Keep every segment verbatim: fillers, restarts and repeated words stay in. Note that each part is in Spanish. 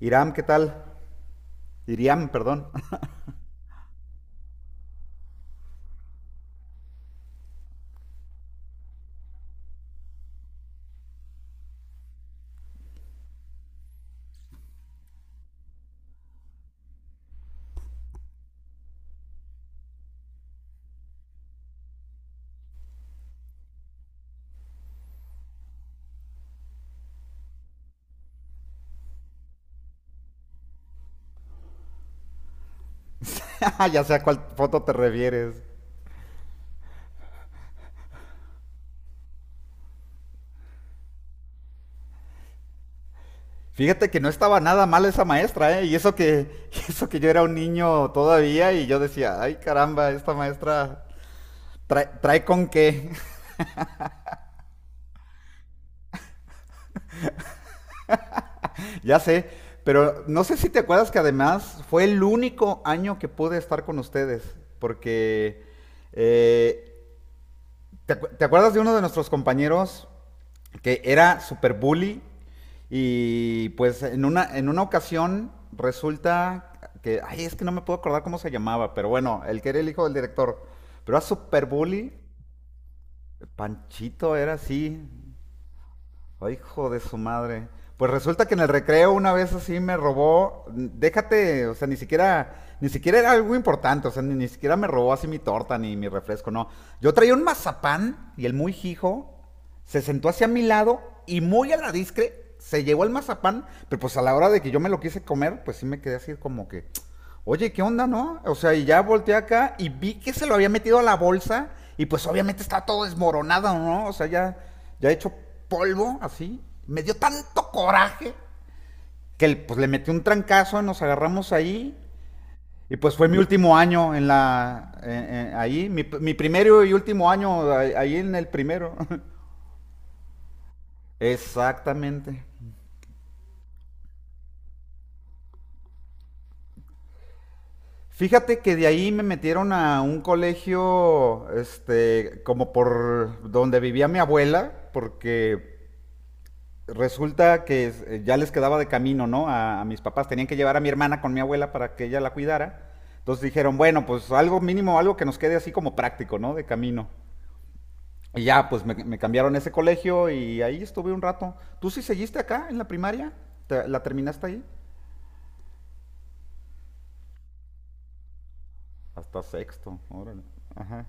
Iram, ¿qué tal? Iriam, perdón. Ya sé a cuál foto te refieres. Fíjate que no estaba nada mal esa maestra, ¿eh? Y eso que, eso que yo era un niño todavía y yo decía, ay caramba, esta maestra trae, trae con qué. Ya sé, pero no sé si te acuerdas que además fue el único año que pude estar con ustedes, porque eh, ¿te, acu- te acuerdas de uno de nuestros compañeros que era super bully y pues en una, en una ocasión resulta que, ay, es que no me puedo acordar cómo se llamaba, pero bueno, el que era el hijo del director, pero era super bully. Panchito era así. Ay, hijo de su madre. Pues resulta que en el recreo una vez así me robó, déjate, o sea, ni siquiera, ni siquiera era algo importante, o sea, ni, ni siquiera me robó así mi torta ni mi refresco, no. Yo traía un mazapán y el muy hijo se sentó hacia mi lado y muy a la discre se llevó el mazapán, pero pues a la hora de que yo me lo quise comer, pues sí me quedé así como que, oye, ¿qué onda, no? O sea, y ya volteé acá y vi que se lo había metido a la bolsa y pues obviamente estaba todo desmoronado, ¿no? O sea, ya, ya hecho polvo, así. Me dio tanto coraje que pues le metí un trancazo y nos agarramos ahí. Y pues fue mi último año en la, en- en- ahí, mi, mi primero y último año ahí en el primero. Exactamente. Fíjate que de ahí me metieron a un colegio, este, como por donde vivía mi abuela, porque resulta que eh, ya les quedaba de camino, ¿no? A, a mis papás. Tenían que llevar a mi hermana con mi abuela para que ella la cuidara. Entonces dijeron, bueno, pues algo mínimo, algo que nos quede así como práctico, ¿no? De camino. Y ya, pues me, me cambiaron a ese colegio y ahí estuve un rato. ¿Tú sí seguiste acá en la primaria? ¿Te- La terminaste ahí? Hasta sexto, órale. Ajá.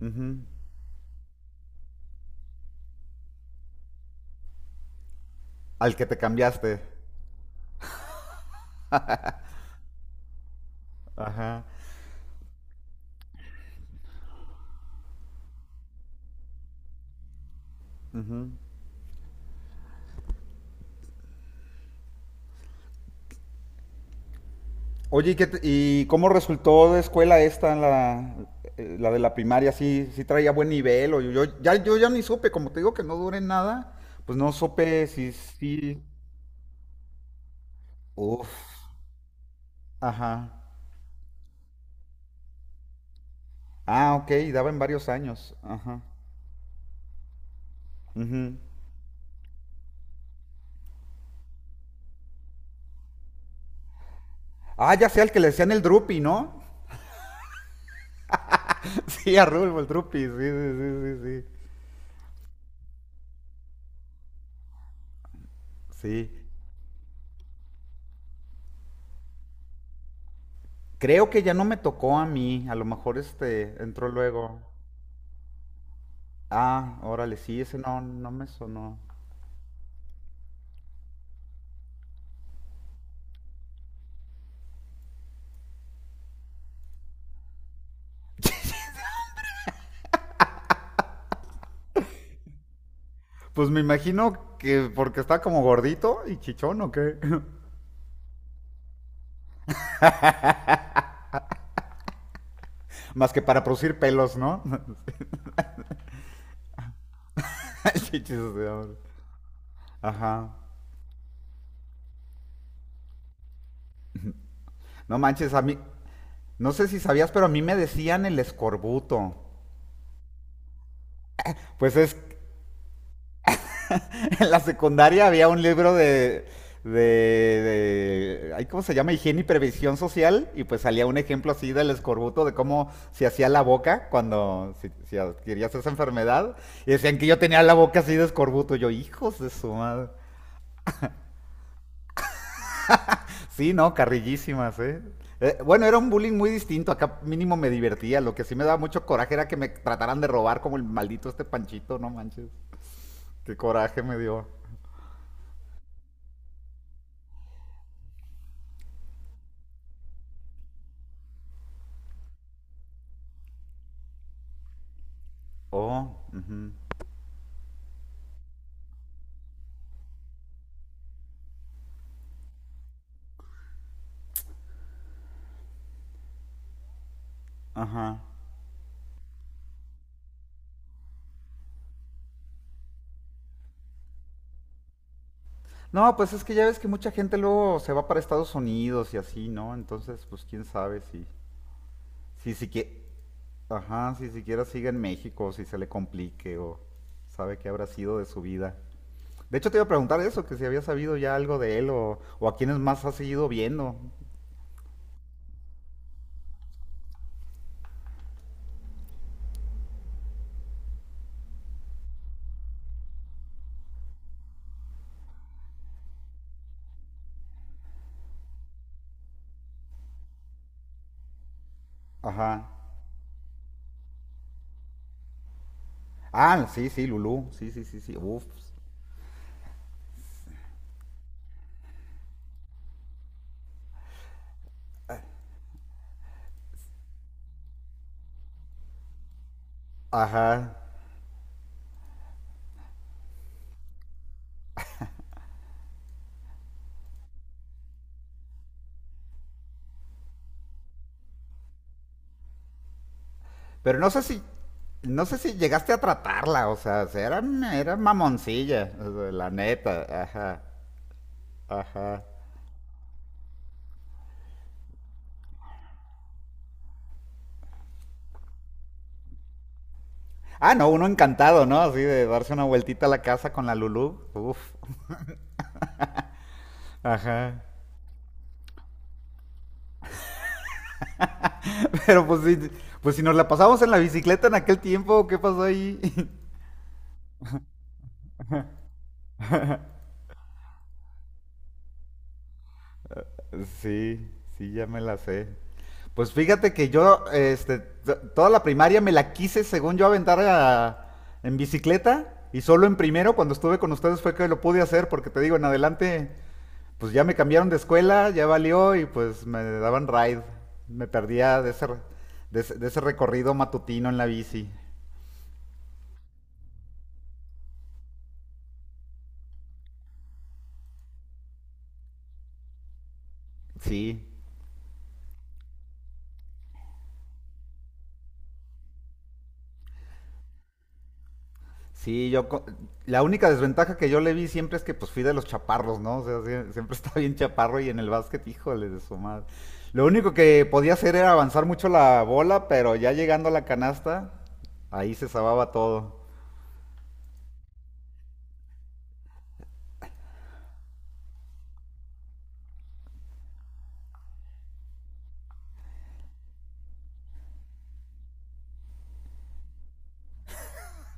Ujú. Al que te cambiaste. Ajá. Ujú. Oye, ¿y qué te- y cómo resultó de escuela esta, la, eh, la de la primaria? ¿Sí, sí traía buen nivel? O yo, yo- ya, yo ya ni supe, como te digo que no duré nada, pues no supe si sí. Uf, ajá. Ah, ok, daba en varios años. Ajá. Ujú. Ah, ya sea el que le decían el Drupi, ¿no? Sí, a Rulfo, el Drupi, sí, sí, sí, sí, sí. Sí. Creo que ya no me tocó a mí, a lo mejor este entró luego. Ah, órale, sí, ese no, no me sonó. Pues me imagino que porque está como gordito y chichón o qué. Más que para producir pelos, ¿no? Chichis, o sea, ajá. No manches, a mí. No sé si sabías, pero a mí me decían el escorbuto. Pues es. En la secundaria había un libro de. De, de ay, ¿cómo se llama? Higiene y previsión social. Y pues salía un ejemplo así del escorbuto, de cómo se hacía la boca cuando si, si adquirías esa enfermedad. Y decían que yo tenía la boca así de escorbuto. Yo, hijos de su madre. Sí, no, carrillísimas, ¿eh? Eh, Bueno, era un bullying muy distinto. Acá mínimo me divertía. Lo que sí me daba mucho coraje era que me trataran de robar como el maldito este Panchito, no manches. Qué coraje me dio. Oh, ujú, ajá. No, pues es que ya ves que mucha gente luego se va para Estados Unidos y así, ¿no? Entonces, pues quién sabe si, si siquiera, ajá, si siquiera sigue en México, o si se le complique o sabe qué habrá sido de su vida. De hecho, te iba a preguntar eso, que si había sabido ya algo de él o, o a quiénes más has seguido viendo. Ajá. Ah, sí, sí, Lulú. Sí, sí, sí, sí. Uf. Ajá. Pero no sé si. No sé si llegaste a tratarla, o sea, se- era, era mamoncilla, o sea, la neta. Ajá. Ajá. Ah, no, uno encantado, ¿no? Así de darse una vueltita a la casa con la Lulú. Uf. Ajá. Pero pues si, pues si nos la pasamos en la bicicleta en aquel tiempo, ¿qué pasó ahí? Sí, sí, ya me la sé. Pues fíjate que yo, este, t- toda la primaria me la quise, según yo, aventar a- en bicicleta. Y solo en primero, cuando estuve con ustedes, fue que lo pude hacer, porque te digo, en adelante, pues ya me cambiaron de escuela, ya valió, y pues me daban ride. Me perdía de ese, re- de ese, de ese recorrido matutino en la bici. Sí. Sí, yo co- la única desventaja que yo le vi siempre es que pues fui de los chaparros, ¿no? O sea, sie- siempre estaba bien chaparro y en el básquet, híjole de su madre. Lo único que podía hacer era avanzar mucho la bola, pero ya llegando a la canasta, ahí se sababa todo.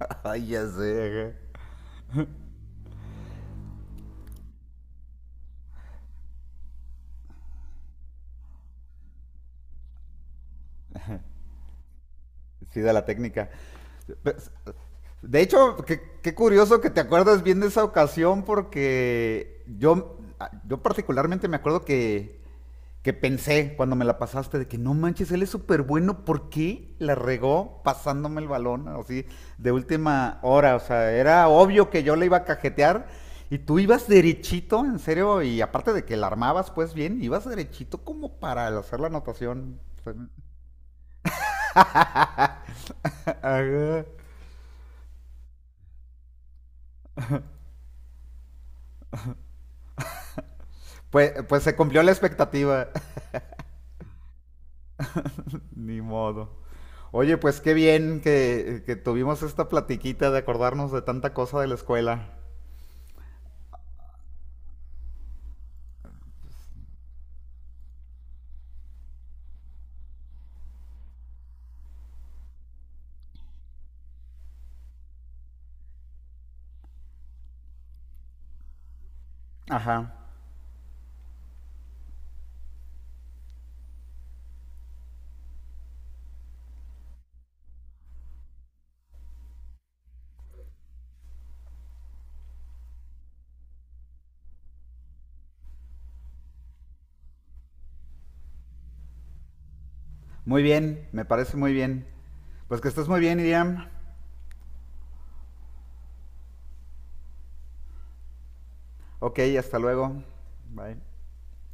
Ay, ya sé, ajá. Sí, de la técnica. Pues, de hecho, qué, qué curioso que te acuerdas bien de esa ocasión porque yo, yo particularmente me acuerdo que que pensé cuando me la pasaste de que no manches, él es súper bueno, ¿por qué la regó pasándome el balón así de última hora? O sea, era obvio que yo le iba a cajetear y tú ibas derechito, en serio, y aparte de que la armabas pues bien, ibas derechito como para hacer la anotación. Pues, pues se cumplió la expectativa. Ni modo. Oye, pues qué bien que, que tuvimos esta platiquita de acordarnos de tanta cosa de la escuela. Ajá. Muy bien, me parece muy bien. Pues que estés muy bien, Iriam. Ok, hasta luego. Bye.